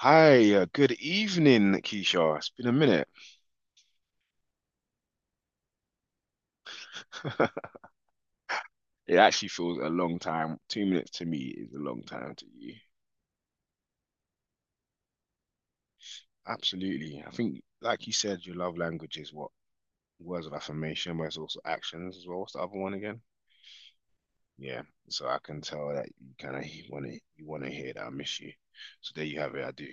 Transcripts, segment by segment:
Hi, good evening, Keisha. It's been a minute. It actually feels a long time. 2 minutes to me is a long time to you. Absolutely. I think, like you said, your love language is what? Words of affirmation, but it's also actions as well. What's the other one again? Yeah. So I can tell that you kind of want to you want to hear that I miss you. So there you have it. I do.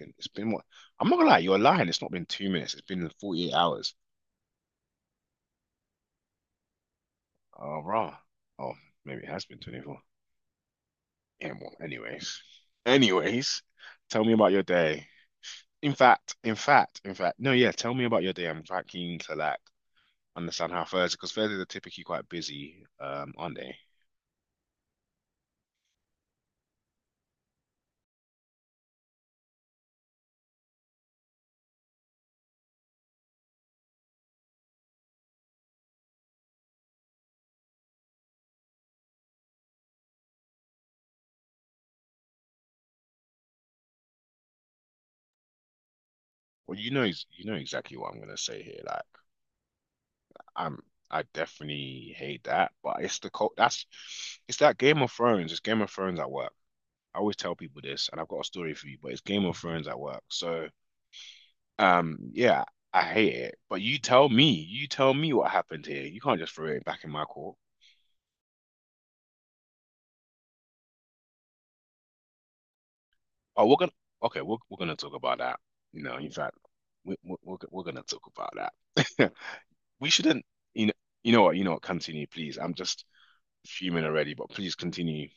And it's been what? I'm not gonna lie. You're lying. It's not been 2 minutes. It's been 48 hours. Oh, rah. Oh, maybe it has been 24. And well, anyways, anyways, tell me about your day. In fact, in fact, in fact, no, yeah, tell me about your day. I'm quite keen to like understand how Thursday, because Thursdays are typically quite busy, aren't they? Well, you know exactly what I'm gonna say here. I'm, I definitely hate that, but it's the cult. It's that Game of Thrones. It's Game of Thrones at work. I always tell people this, and I've got a story for you, but it's Game of Thrones at work. So yeah, I hate it. But you tell me what happened here. You can't just throw it back in my court. Oh, we're gonna okay, we're gonna talk about that. You know, in fact, we, we're gonna talk about that. We shouldn't, you know, you know what, continue, please. I'm just fuming already, but please continue.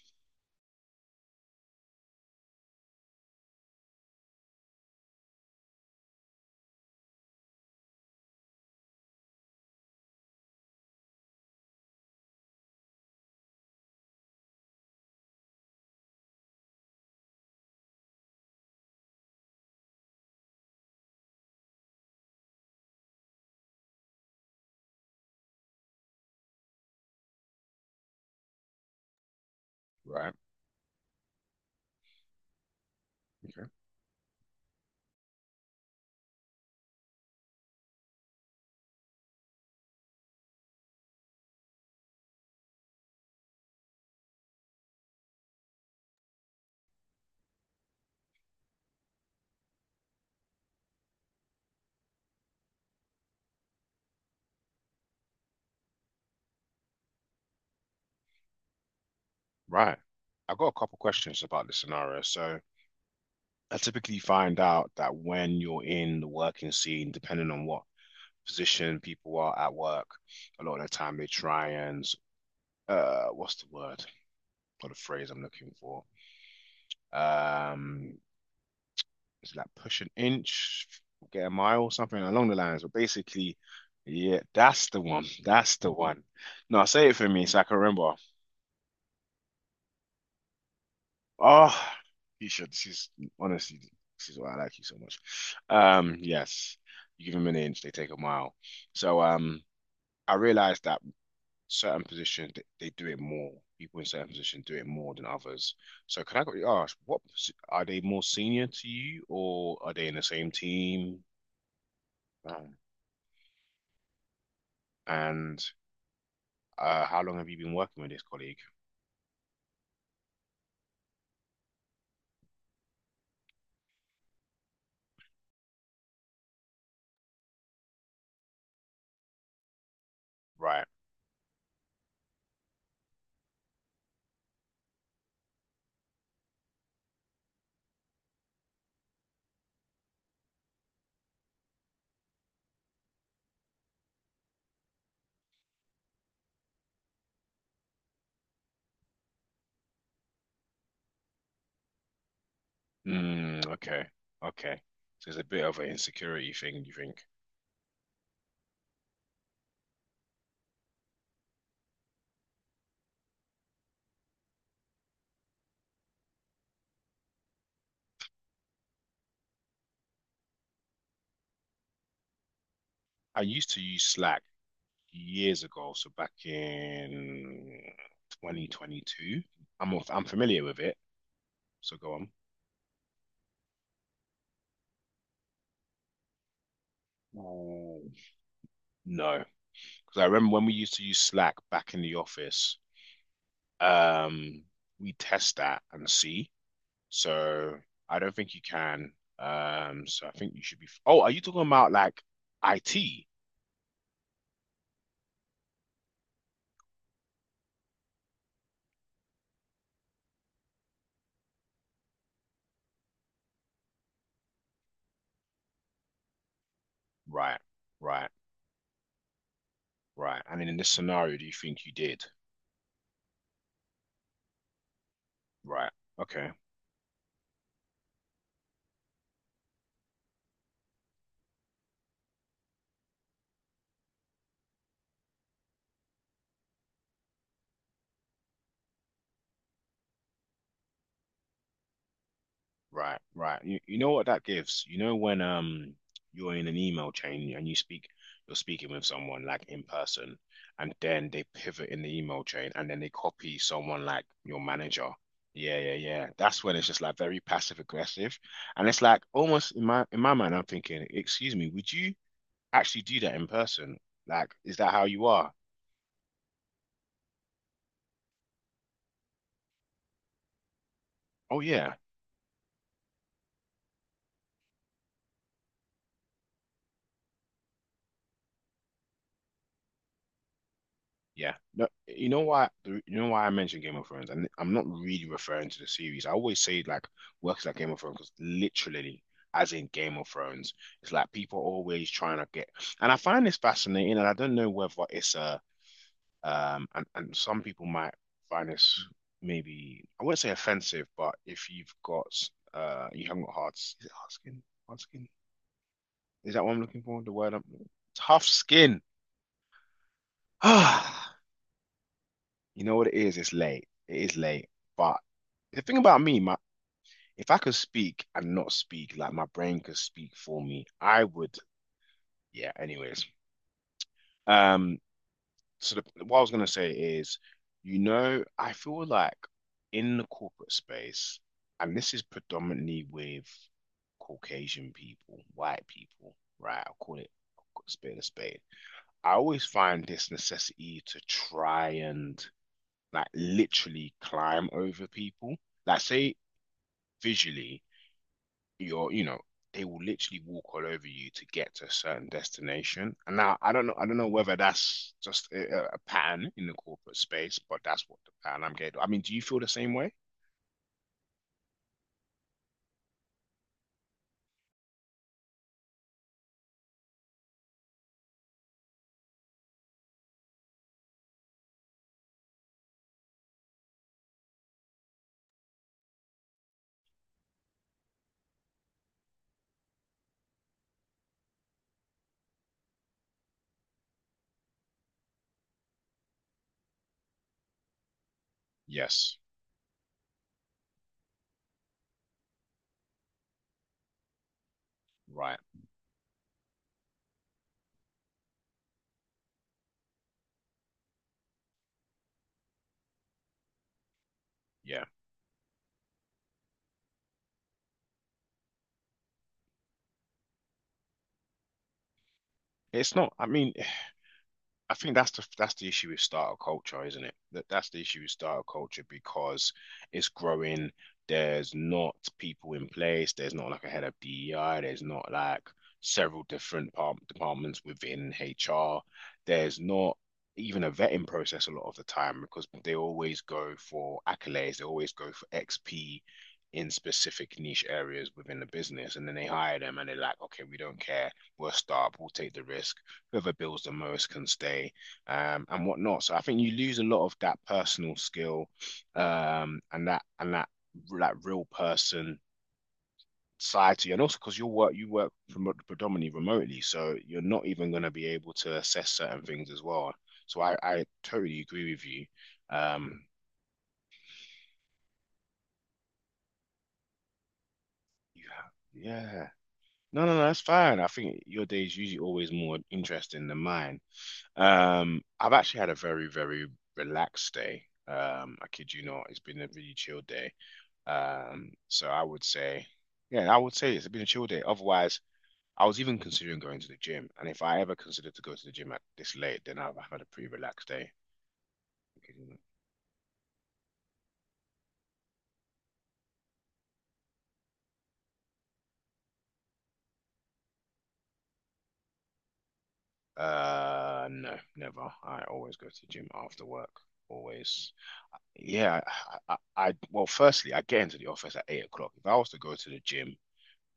Right. Okay. Right. I've got a couple questions about this scenario. So I typically find out that when you're in the working scene, depending on what position people are at work, a lot of the time they try and what's the word or the phrase I'm looking for? Um, is like push an inch, get a mile, something along the lines. But basically, yeah, that's the one. That's the one. No, say it for me so I can remember. Oh, you should. Honestly, this is why I like you so much. Yes, you give them an inch, they take a mile. So, I realized that certain positions they do it more. People in certain positions do it more than others. So can I quickly ask, what are they more senior to you, or are they in the same team? Um, And how long have you been working with this colleague? Right. Mm, okay. Okay. So it's a bit of an insecurity thing, you think? I used to use Slack years ago, so back in 2022. I'm familiar with it. So go on. Oh. No. Because I remember when we used to use Slack back in the office, um, we test that and see. So I don't think you can. So I think you should be. Oh, are you talking about like IT? Right, right, right. And in this scenario, do you think you did? Right. Okay. Right, right. You know what that gives? You know when you're in an email chain and you're speaking with someone like in person and then they pivot in the email chain and then they copy someone like your manager. Yeah, yeah, yeah. That's when it's just like very passive aggressive. And it's like almost in my mind I'm thinking, excuse me, would you actually do that in person? Like, is that how you are? Oh yeah. Yeah. No, you know why I mentioned Game of Thrones and I'm not really referring to the series. I always say like works like Game of Thrones because literally as in Game of Thrones, it's like people are always trying to get and I find this fascinating and I don't know whether it's a and some people might find this maybe I wouldn't say offensive, but if you've got you haven't got hard is it hard skin? Hard skin? Is that what I'm looking for? The word I'm tough skin. You know what it is? It's late. It is late. But the thing about me, my if I could speak and not speak, like my brain could speak for me, I would. Yeah. Anyways, um. So what I was gonna say is, you know, I feel like in the corporate space, and this is predominantly with Caucasian people, white people, right? I'll call it a spade a spade. I always find this necessity to try and like literally climb over people. Like say visually, you know, they will literally walk all over you to get to a certain destination. And now I don't know whether that's just a pattern in the corporate space, but that's what the pattern I'm getting. I mean, do you feel the same way? Yes. Right. Yeah. It's not, I mean, I think that's the issue with startup culture, isn't it? That's the issue with startup culture because it's growing. There's not people in place. There's not like a head of DEI. There's not like several different par- departments within HR. There's not even a vetting process a lot of the time because they always go for accolades. They always go for XP in specific niche areas within the business, and then they hire them and they're like, okay, we don't care. We're a startup. We'll take the risk whoever builds the most can stay and whatnot. So I think you lose a lot of that personal skill and that that real person side to you, and also because you work predominantly remotely, so you're not even going to be able to assess certain things as well. So I totally agree with you. Um, you have, yeah. No, no, no, that's fine. I think your day is usually always more interesting than mine. I've actually had a very, very relaxed day. I kid you not, it's been a really chill day. So I would say, yeah, I would say it's been a chill day. Otherwise, I was even considering going to the gym, and if I ever considered to go to the gym at this late, then I've had a pretty relaxed day. I kid you no, never. I always go to the gym after work. Always. Yeah, I, I, I, well, firstly, I get into the office at 8 o'clock. If I was to go to the gym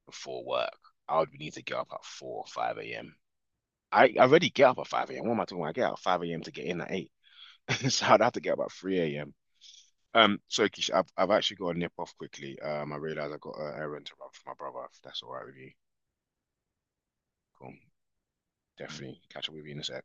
before work, I would need to get up at 4 or 5 a.m. I already get up at 5 a.m. What am I talking about? I get up at 5 a.m. to get in at 8. So I'd have to get up at 3 a.m. Sorry, Keisha, I've actually got to nip off quickly. I realize I've got an errand to run for my brother, if that's all right with you. Cool. Definitely catch up with you in a sec.